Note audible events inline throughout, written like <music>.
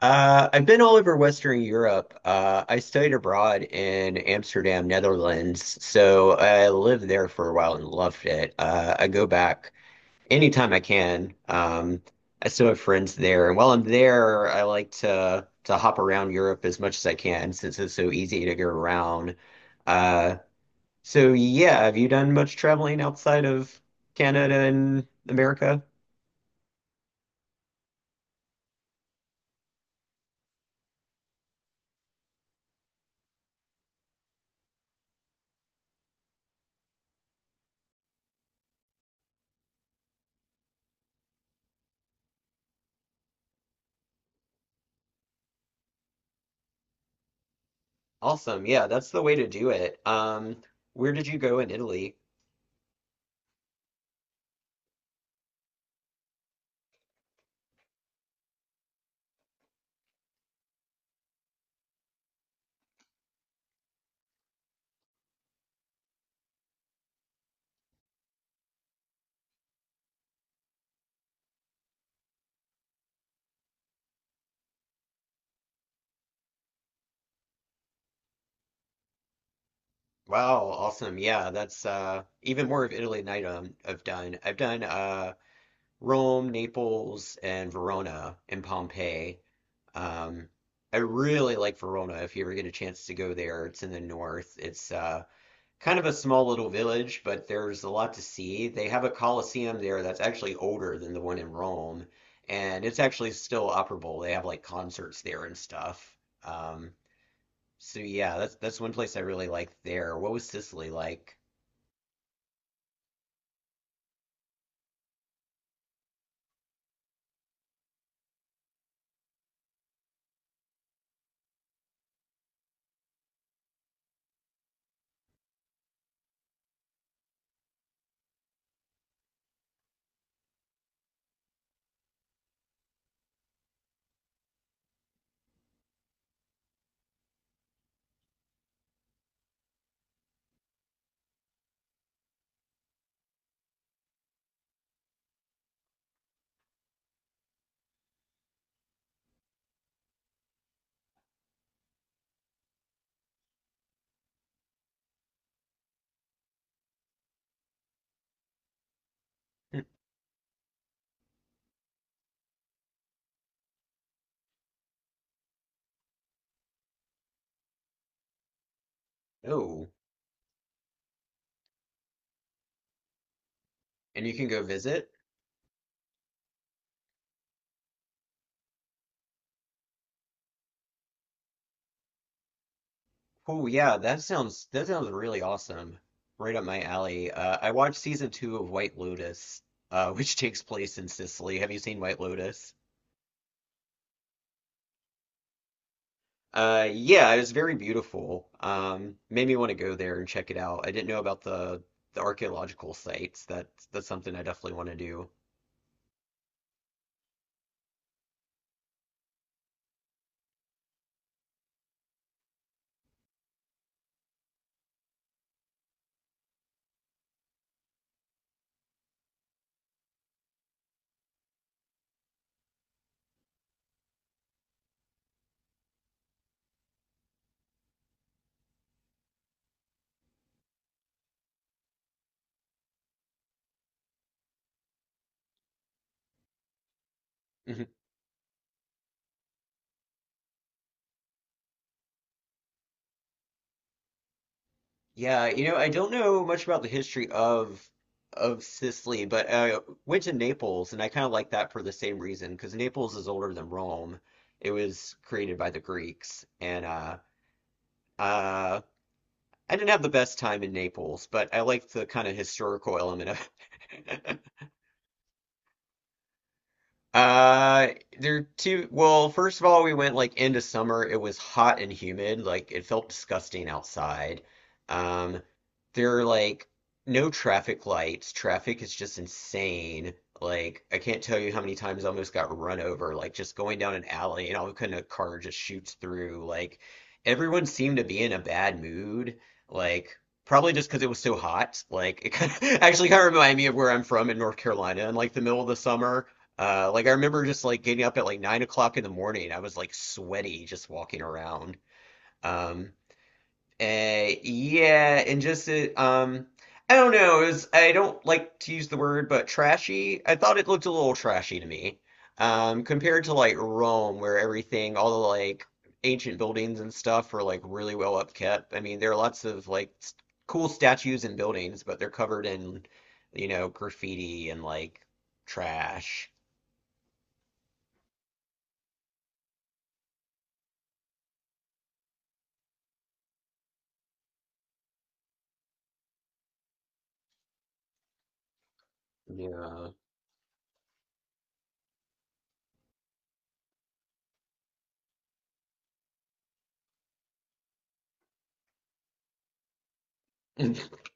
I've been all over Western Europe. I studied abroad in Amsterdam, Netherlands. So I lived there for a while and loved it. I go back anytime I can. I still have friends there. And while I'm there, I like to hop around Europe as much as I can since it's so easy to go around. Uh, so yeah, have you done much traveling outside of Canada and America? Awesome. Yeah, that's the way to do it. Where did you go in Italy? Wow, awesome. Yeah, that's even more of Italy than I've done. I've done Rome, Naples, and Verona and Pompeii. Um I really like Verona if you ever get a chance to go there. It's in the north. It's kind of a small little village, but there's a lot to see. They have a Colosseum there that's actually older than the one in Rome, and it's actually still operable. They have like concerts there and stuff. Um so yeah, that's one place I really like there. What was Sicily like? Oh, and you can go visit? Oh yeah, that sounds really awesome. Right up my alley. I watched season two of White Lotus, <laughs> which takes place in Sicily. Have you seen White Lotus? Yeah, it was very beautiful. Made me want to go there and check it out. I didn't know about the archaeological sites. That's something I definitely want to do. Mm-hmm. Yeah, you know, I don't know much about the history of Sicily, but I went to Naples, and I kind of like that for the same reason because Naples is older than Rome. It was created by the Greeks, and uh, I didn't have the best time in Naples, but I liked the kind of historical element of it. <laughs> Uh, there are two. Well, first of all, we went like into summer. It was hot and humid. Like it felt disgusting outside. Um, there are like no traffic lights. Traffic is just insane. Like I can't tell you how many times I almost got run over. Like just going down an alley and all of a sudden a car just shoots through. Like everyone seemed to be in a bad mood. Like probably just because it was so hot. Like it kind of, <laughs> actually kind of reminded me of where I'm from in North Carolina in like the middle of the summer, like I remember just like getting up at like 9 o'clock in the morning. I was like sweaty just walking around. Um, yeah, and I don't know. It was I don't like to use the word, but trashy. I thought it looked a little trashy to me. Compared to like Rome, where everything, all the like ancient buildings and stuff were like really well upkept. I mean, there are lots of like cool statues and buildings, but they're covered in, you know, graffiti and like trash. Yeah. <laughs>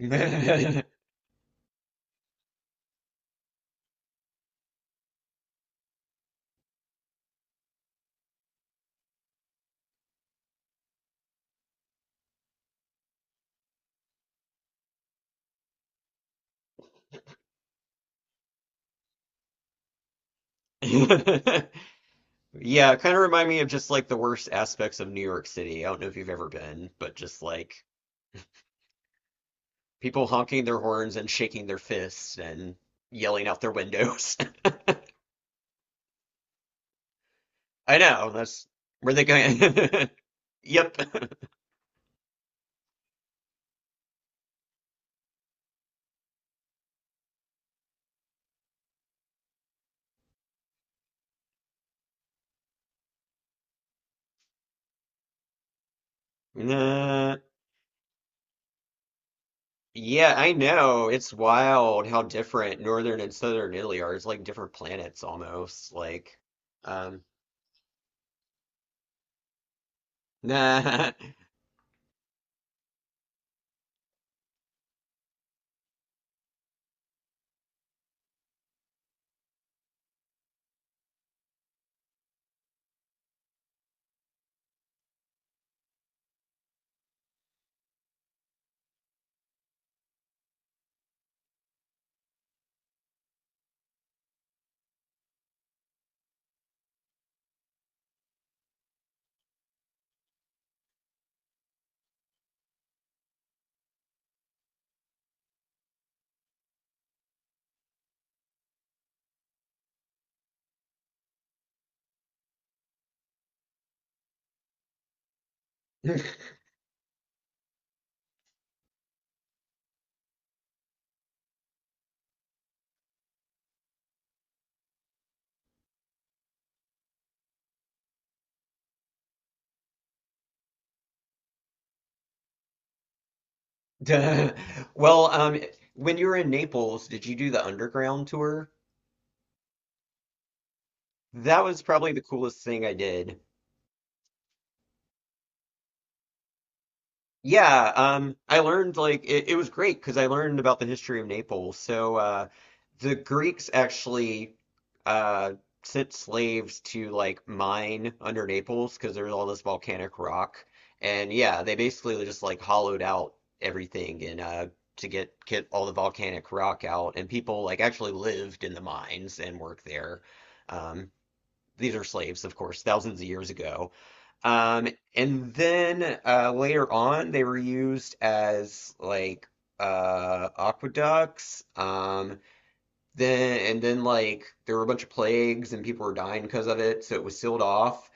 Yeah, kind of remind me of just like the worst aspects of New York City. I don't know if you've ever been, but just like people honking their horns and shaking their fists and yelling out their windows. <laughs> I know, that's where they going. <laughs> Yep. Uh, yeah, I know. It's wild how different northern and southern Italy are. It's like different planets almost. Like, um, nah. <laughs> <laughs> Duh. Well, when you were in Naples, did you do the underground tour? That was probably the coolest thing I did. Yeah, I learned it was great because I learned about the history of Naples. So the Greeks actually uh, sent slaves to like mine under Naples because there's all this volcanic rock, and yeah, they basically just like hollowed out everything and to get all the volcanic rock out, and people like actually lived in the mines and worked there. Um, these are slaves, of course, thousands of years ago. Um, and then later on, they were used as like aqueducts. Then and then like there were a bunch of plagues and people were dying because of it, so it was sealed off.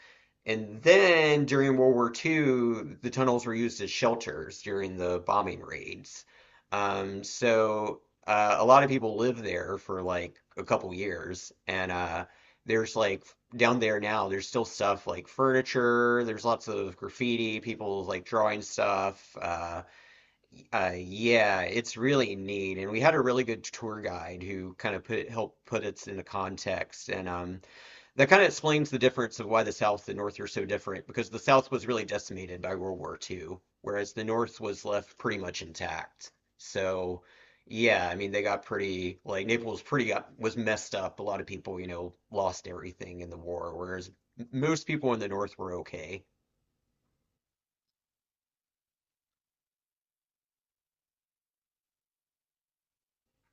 And then during World War II, the tunnels were used as shelters during the bombing raids. So a lot of people lived there for like a couple years. And there's like down there now, there's still stuff like furniture, there's lots of graffiti, people like drawing stuff. Yeah, it's really neat. And we had a really good tour guide who kind of put helped put it into context. And that kind of explains the difference of why the South and North are so different, because the South was really decimated by World War II, whereas the North was left pretty much intact. So, yeah, I mean, they got pretty, like, was messed up. A lot of people, you know, lost everything in the war, whereas most people in the North were okay.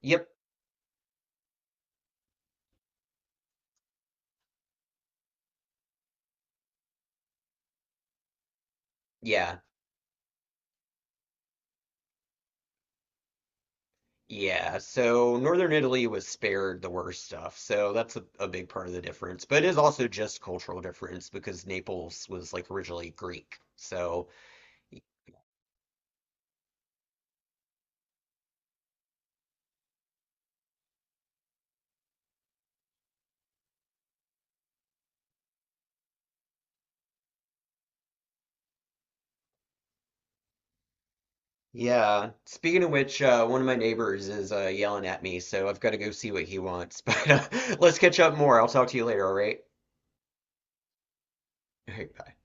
Yep, yeah, yeah. So, Northern Italy was spared the worst stuff. So, that's a big part of the difference. But it is also just cultural difference because Naples was, like, originally Greek. So, yeah. Speaking of which, one of my neighbors is yelling at me, so I've got to go see what he wants. <laughs> But let's catch up more. I'll talk to you later, all right? All right, bye.